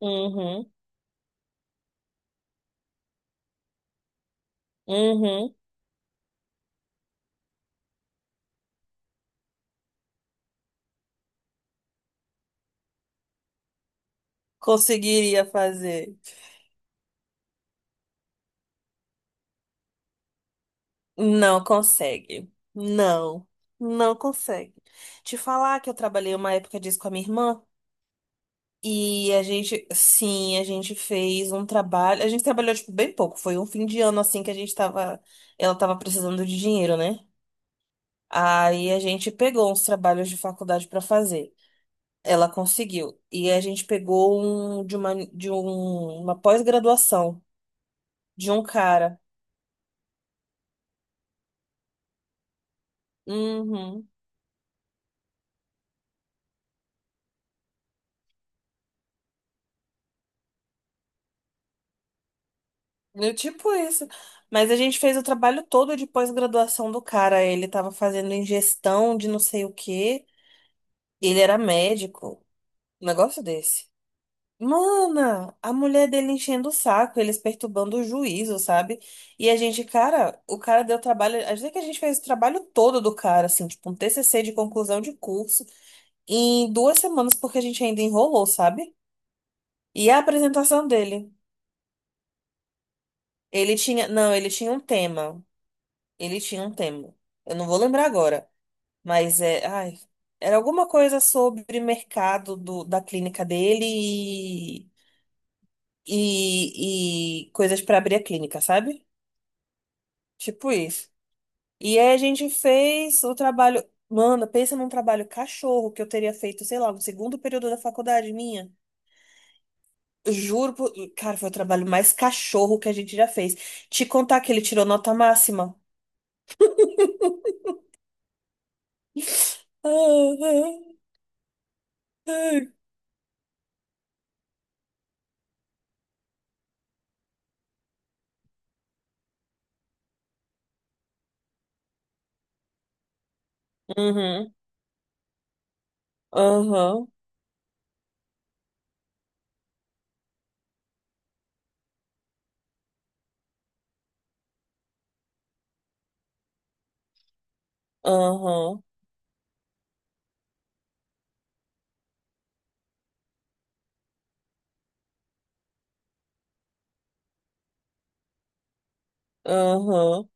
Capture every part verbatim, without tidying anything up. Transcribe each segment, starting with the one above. Uhum, uhum. Conseguiria fazer. Não consegue. Não, não consegue. Te falar que eu trabalhei uma época disso com a minha irmã e a gente, sim, a gente fez um trabalho. A gente trabalhou, tipo, bem pouco. Foi um fim de ano, assim, que a gente tava. Ela tava precisando de dinheiro, né? Aí a gente pegou uns trabalhos de faculdade pra fazer. Ela conseguiu. E a gente pegou um de uma, de um, uma pós-graduação de um cara. Uhum. Eu, tipo isso. Mas a gente fez o trabalho todo de pós-graduação do cara. Ele tava fazendo ingestão de não sei o quê. Ele era médico. Um negócio desse. Mana, a mulher dele enchendo o saco, eles perturbando o juízo, sabe? E a gente, cara, o cara deu trabalho. Às vezes que a gente fez o trabalho todo do cara, assim, tipo um T C C de conclusão de curso, em duas semanas, porque a gente ainda enrolou, sabe? E a apresentação dele. Ele tinha. Não, ele tinha um tema. Ele tinha um tema. Eu não vou lembrar agora, mas é, ai, era alguma coisa sobre mercado do, da clínica dele e, e, e coisas para abrir a clínica, sabe? Tipo isso. E aí a gente fez o trabalho. Mano, pensa num trabalho cachorro que eu teria feito, sei lá, no segundo período da faculdade minha. Juro, por... cara, foi o trabalho mais cachorro que a gente já fez. Te contar que ele tirou nota máxima. Uhum. Aham, aham, aham.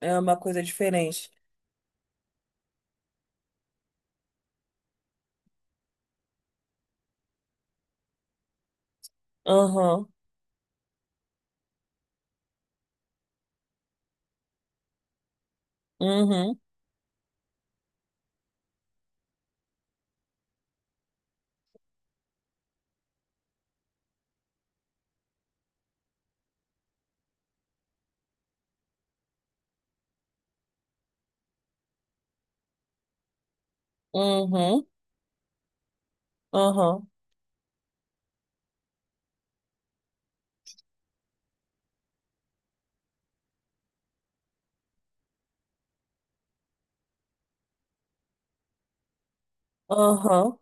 É uma coisa diferente. Aham, uhum, uhum, aham, aham,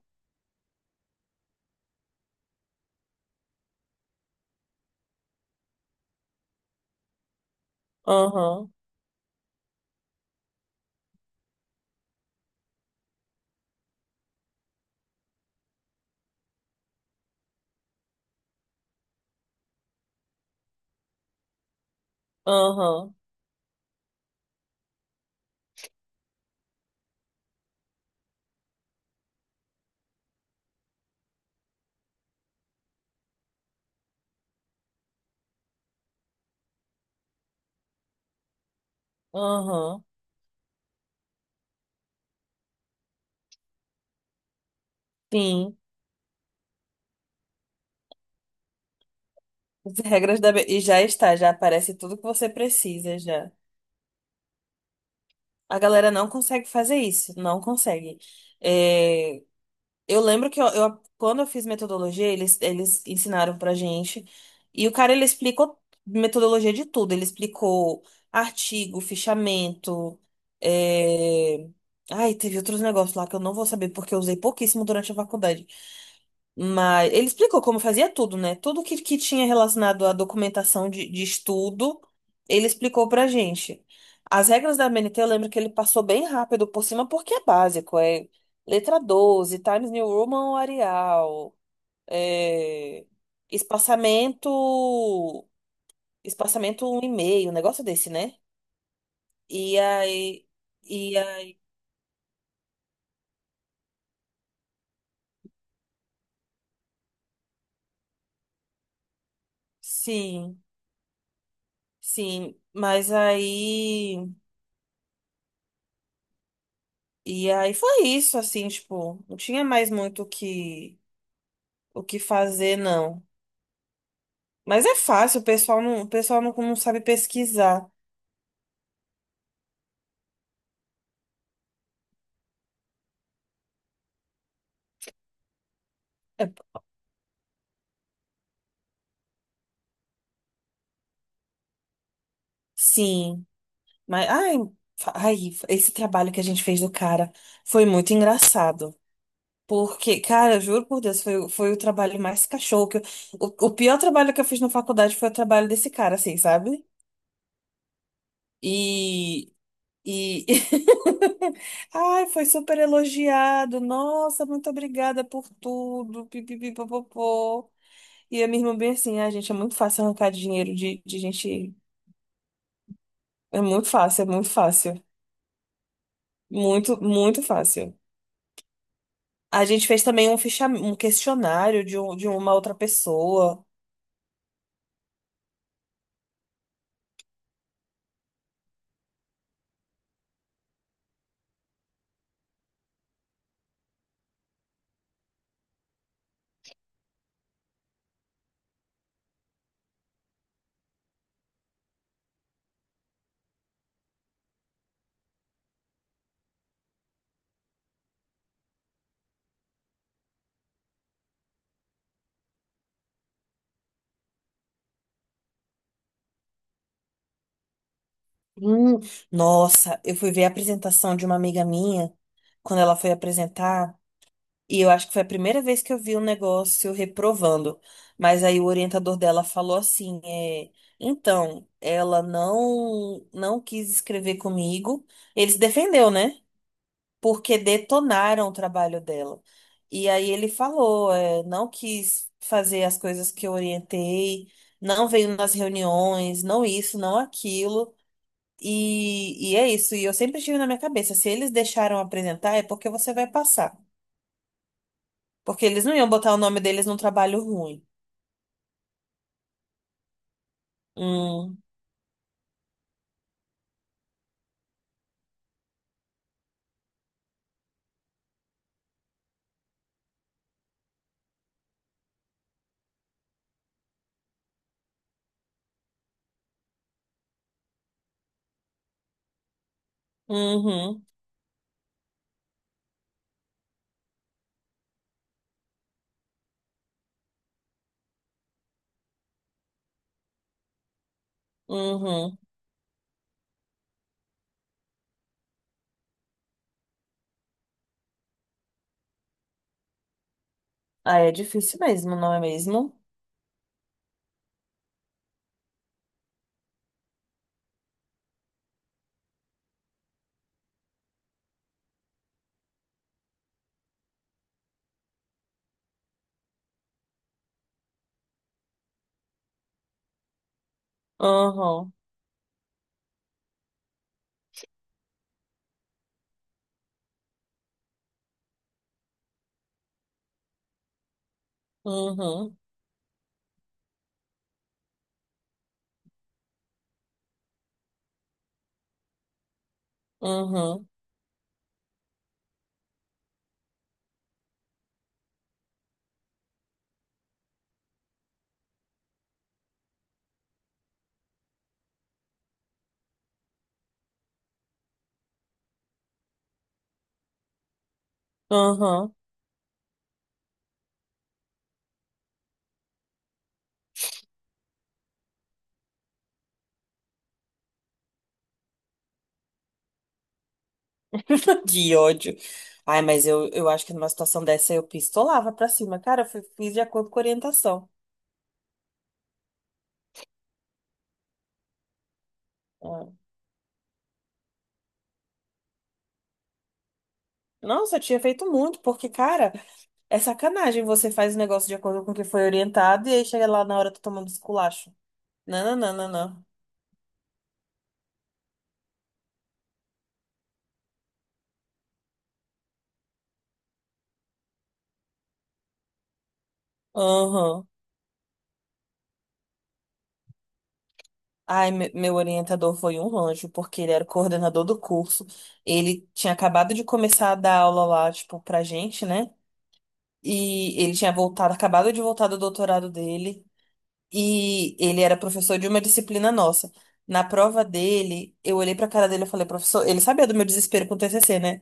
aham, aham, aham. Sim. As regras da... be- E já está, já aparece tudo que você precisa, já. A galera não consegue fazer isso, não consegue. Eh, Eu lembro que eu, eu- quando eu fiz metodologia, eles, eles ensinaram pra gente. E o cara, ele explicou metodologia de tudo. Ele explicou artigo, fichamento. é, Ai, teve outros negócios lá que eu não vou saber, porque eu usei pouquíssimo durante a faculdade. Mas ele explicou como fazia tudo, né? Tudo que, que tinha relacionado à documentação de, de estudo, ele explicou pra gente. As regras da M N T, eu lembro que ele passou bem rápido por cima, porque é básico. É letra doze, Times New Roman Arial, é, espaçamento, espaçamento um e meio, um negócio desse, né? E aí, e aí, sim, sim. Mas aí. E aí foi isso, assim, tipo, não tinha mais muito o que, o que fazer, não. Mas é fácil, o pessoal não, o pessoal não, não sabe pesquisar. É, sim, mas, ai, fa- ai, esse trabalho que a gente fez do cara foi muito engraçado. Porque, cara, eu juro por Deus, foi, o- foi o trabalho mais cachorro que eu, o, o pior trabalho que eu fiz na faculdade foi o trabalho desse cara, assim, sabe? E E ai, foi super elogiado. Nossa, muito obrigada por tudo. Pipipipopopô. E a minha irmã bem assim, ah, gente, é muito fácil arrancar dinheiro de, de gente. É muito fácil, é muito fácil. Muito, muito fácil. A gente fez também um ficha... um questionário de, um- de uma outra pessoa. Hum, nossa, eu fui ver a apresentação de uma amiga minha quando ela foi apresentar. E eu acho que foi a primeira vez que eu vi um negócio reprovando. Mas aí o orientador dela falou assim, é, então, ela não não quis escrever comigo. Ele se defendeu, né? Porque detonaram o trabalho dela. E aí ele falou, é, não quis fazer as coisas que eu orientei, não veio nas reuniões, não isso, não aquilo. E, e é isso. E eu sempre tive na minha cabeça, se eles deixaram apresentar, é porque você vai passar. Porque eles não iam botar o nome deles num trabalho ruim. Hum, uhum, uhum. Ah, é difícil mesmo, não é mesmo? Uhum, uhum, uhum, uhum. Que ódio. Ai, mas eu, eu acho que numa situação dessa eu pistolava pra cima. Cara, eu fi- fiz de acordo com a orientação. Ah. Nossa, eu tinha feito muito, porque, cara, é sacanagem. Você faz o negócio de acordo com o que foi orientado e aí chega lá na hora tá tomando esculacho. Não, não, não, não, não. Aham. Ai, me- meu orientador foi um anjo, porque ele era o coordenador do curso. Ele tinha acabado de começar a dar aula lá, tipo, pra gente, né? E ele tinha voltado, acabado de voltar do doutorado dele. E ele era professor de uma disciplina nossa. Na prova dele, eu olhei pra cara dele e falei, professor, ele sabia do meu desespero com o T C C, né?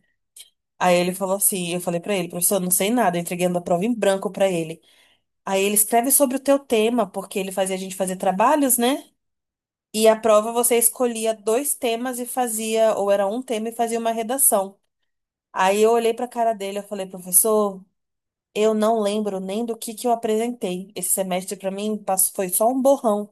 Aí ele falou assim, eu falei pra ele, professor, não sei nada, eu entreguei a prova em branco pra ele. Aí ele escreve sobre o teu tema, porque ele fazia a gente fazer trabalhos, né? E a prova você escolhia dois temas e fazia, ou era um tema e fazia uma redação. Aí eu olhei para a cara dele, eu falei, professor, eu não lembro nem do que que eu apresentei. Esse semestre para mim pass- foi só um borrão.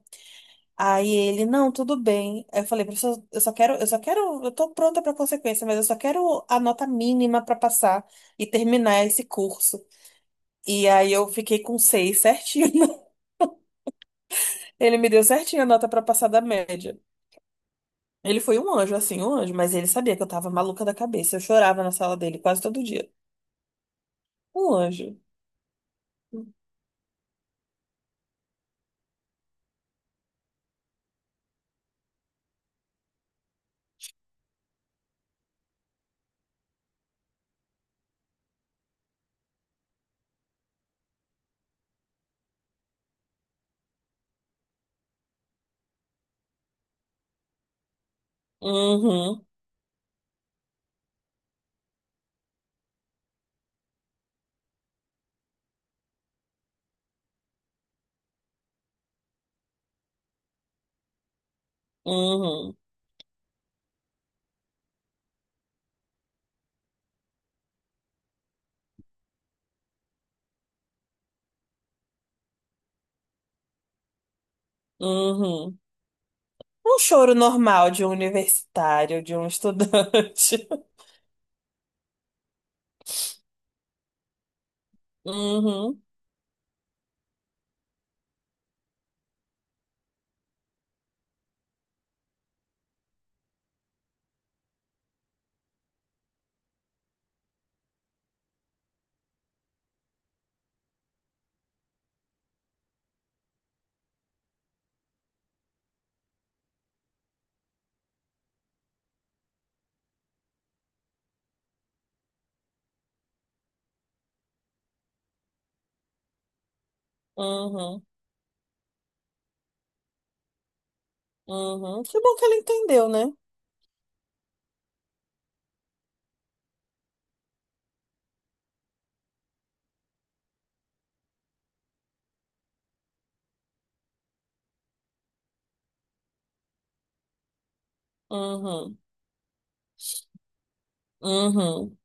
Aí ele, não, tudo bem. Eu falei, professor, eu só quero, eu só quero, eu tô pronta para consequência, mas eu só quero a nota mínima para passar e terminar esse curso. E aí eu fiquei com seis certinho. Ele me deu certinho a nota para passar da média. Ele foi um anjo, assim, um anjo, mas ele sabia que eu tava maluca da cabeça. Eu chorava na sala dele quase todo dia. Um anjo. Uhum, uhum, uhum. Um choro normal de um universitário, de um estudante. Uhum, uhum, uhum. Que bom que ele entendeu, né? Uhum, uhum,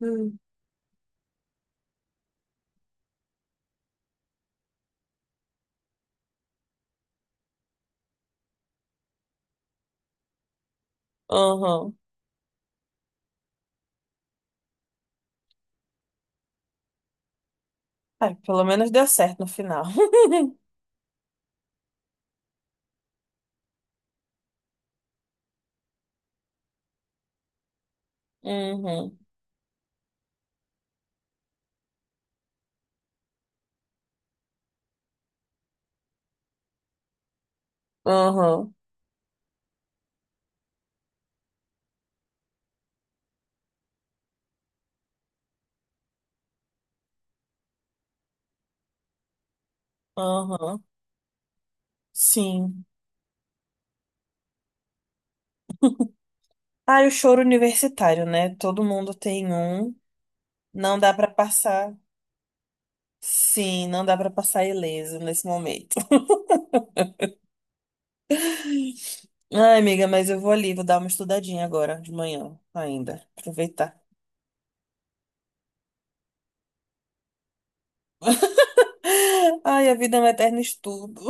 Hum. uhum. Ai, pelo menos deu certo no final. Uhum, uhum, uhum. Sim. Ah, e o choro universitário, né? Todo mundo tem um. Não dá pra passar. Sim, não dá pra passar ileso nesse momento. Ai, amiga, mas eu vou ali, vou dar uma estudadinha agora, de manhã, ainda. Aproveitar. Ai, a vida é um eterno estudo.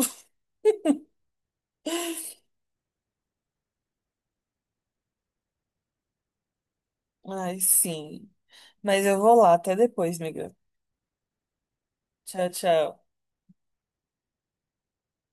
Ai, sim. Mas eu vou lá, até depois, amiga. Tchau, tchau.